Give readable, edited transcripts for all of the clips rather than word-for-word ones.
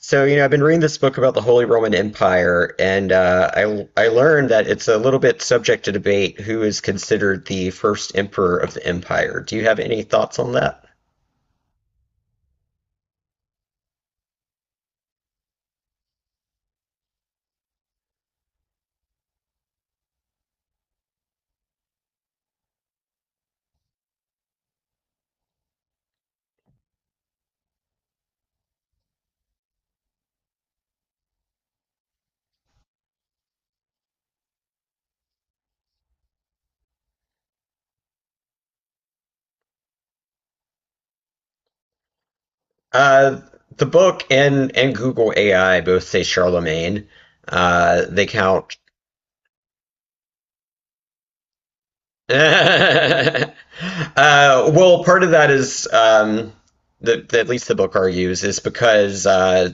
So, I've been reading this book about the Holy Roman Empire, and I learned that it's a little bit subject to debate who is considered the first emperor of the empire. Do you have any thoughts on that? Uh, the book and Google AI both say Charlemagne. They count. uh, well, part of that is that at least the book argues is because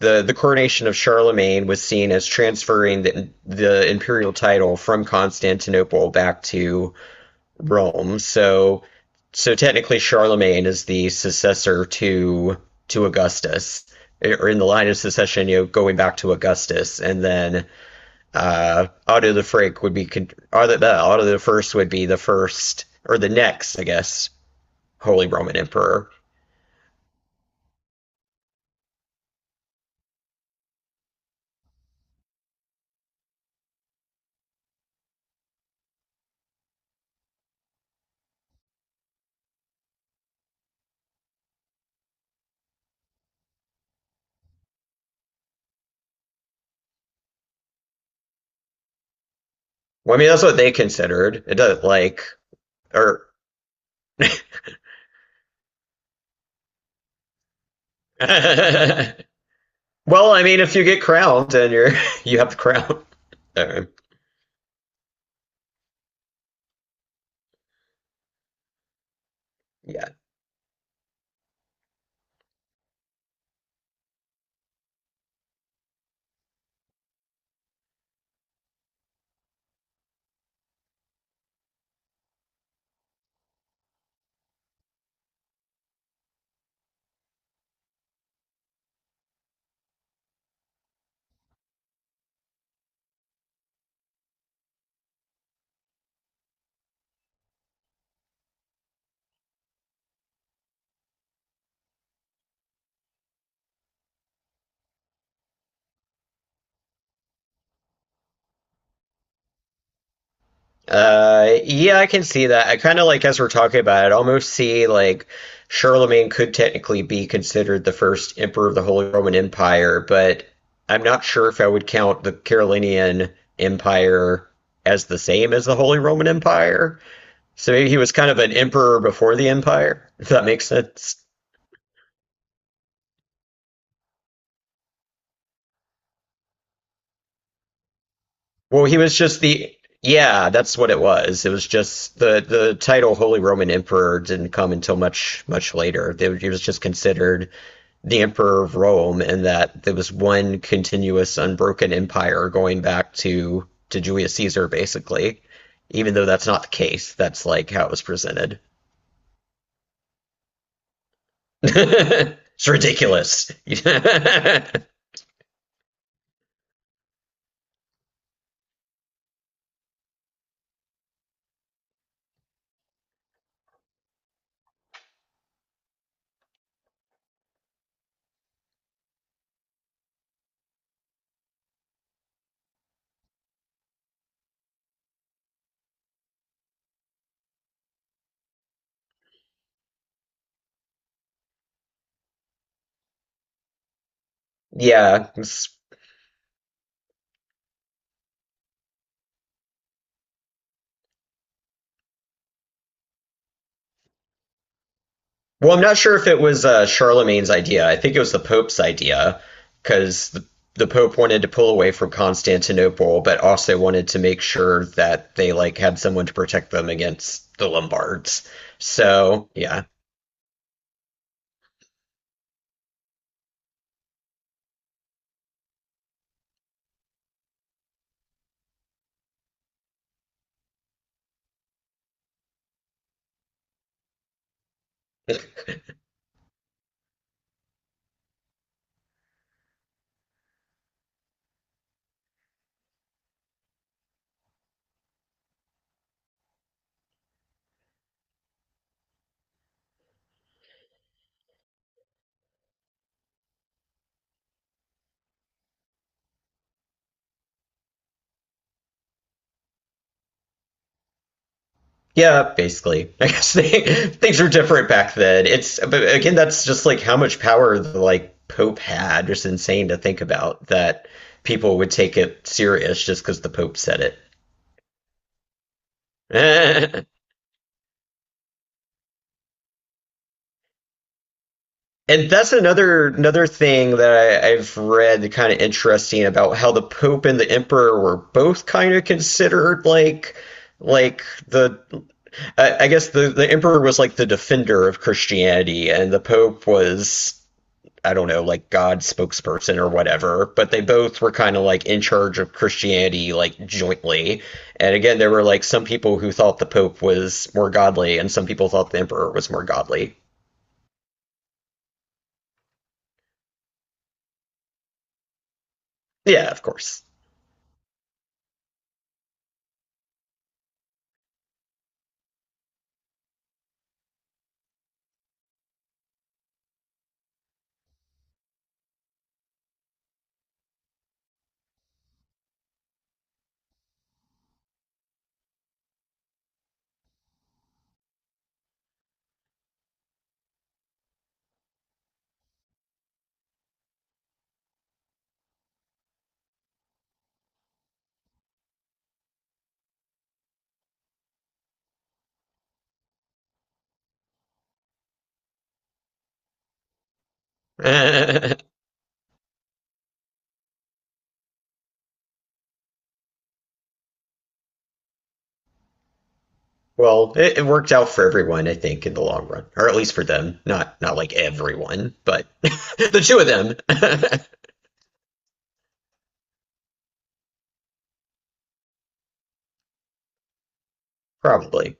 the coronation of Charlemagne was seen as transferring the imperial title from Constantinople back to Rome. So technically Charlemagne is the successor to Augustus, or in the line of succession, going back to Augustus, and then Otto the Frank would be Otto, Otto the First would be the first or the next, I guess, Holy Roman Emperor. Well, I mean, that's what they considered. It doesn't like, or well, I mean, if you get crowned, then you're you have the crown. Uh, yeah. Yeah, I can see that. I kind of like, as we're talking about it, almost see like Charlemagne could technically be considered the first emperor of the Holy Roman Empire, but I'm not sure if I would count the Carolingian Empire as the same as the Holy Roman Empire. So maybe he was kind of an emperor before the empire, if that makes sense. Well, he was just the, yeah, that's what it was. It was just the title Holy Roman Emperor didn't come until much much later. They- He was just considered the Emperor of Rome, and that there was one continuous, unbroken empire going back to Julius Caesar, basically. Even though that's not the case, that's like how it was presented. It's ridiculous. Yeah. Well, I'm not sure if it was Charlemagne's idea. I think it was the Pope's idea because the Pope wanted to pull away from Constantinople, but also wanted to make sure that they like had someone to protect them against the Lombards. So, yeah. Yeah, basically. I guess they, things were different back then. It's, but again, that's just like how much power the like Pope had. It's insane to think about that people would take it serious just because the Pope said it. And that's another thing that I've read, kind of interesting, about how the Pope and the Emperor were both kind of considered like the, I guess the Emperor was like the defender of Christianity and the Pope was, I don't know, like God's spokesperson or whatever, but they both were kind of like in charge of Christianity, like jointly. And again, there were like some people who thought the Pope was more godly, and some people thought the Emperor was more godly. Yeah, of course. Well, it worked out for everyone, I think, in the long run, or at least for them. Not like everyone, but the two of them, probably.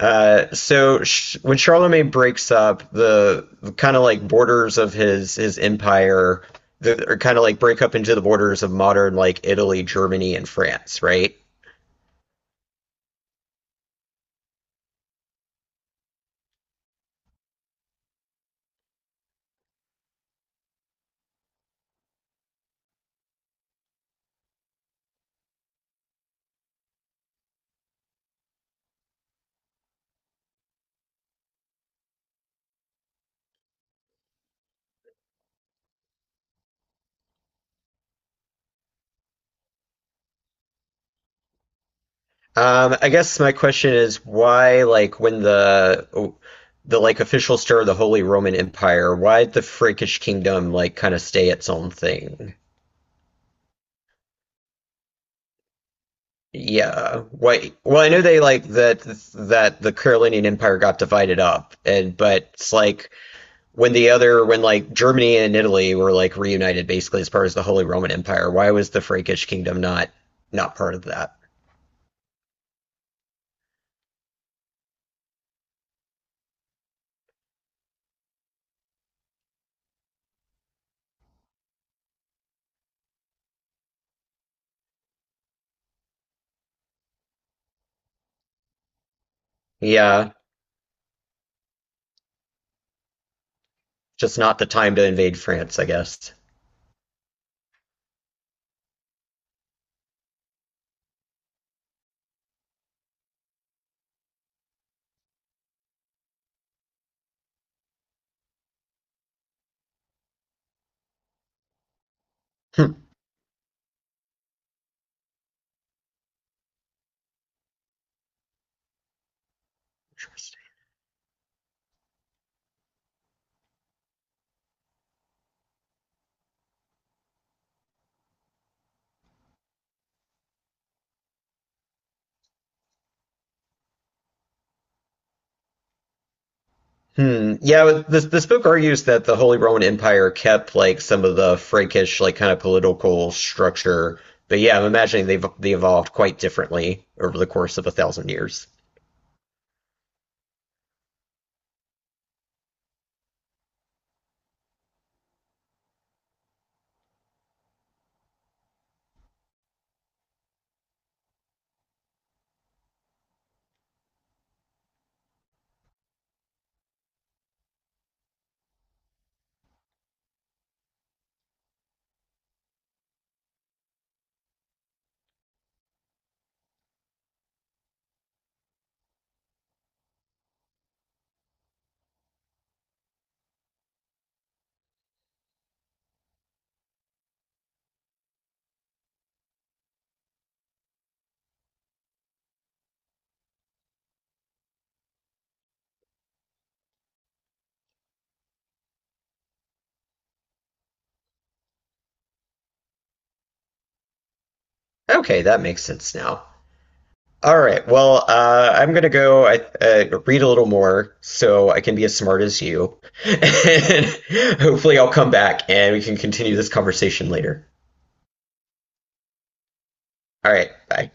So sh when Charlemagne breaks up the kind of like borders of his empire, the, are kind of like break up into the borders of modern like Italy, Germany, and France, right? I guess my question is why, like, when the like official star of the Holy Roman Empire, why did the Frankish kingdom like kind of stay its own thing? Yeah. Why? Well, I know they like that the Carolinian Empire got divided up, and but it's like when the other when like Germany and Italy were like reunited basically as part of the Holy Roman Empire, why was the Frankish kingdom not part of that? Yeah, just not the time to invade France, I guess. Hmm. Hmm. Yeah, this book argues that the Holy Roman Empire kept like some of the Frankish like kind of political structure, but yeah, I'm imagining they evolved quite differently over the course of a thousand years. Okay, that makes sense now. All right. Well, I'm gonna go, I, read a little more so I can be as smart as you, and hopefully I'll come back and we can continue this conversation later. All right. Bye.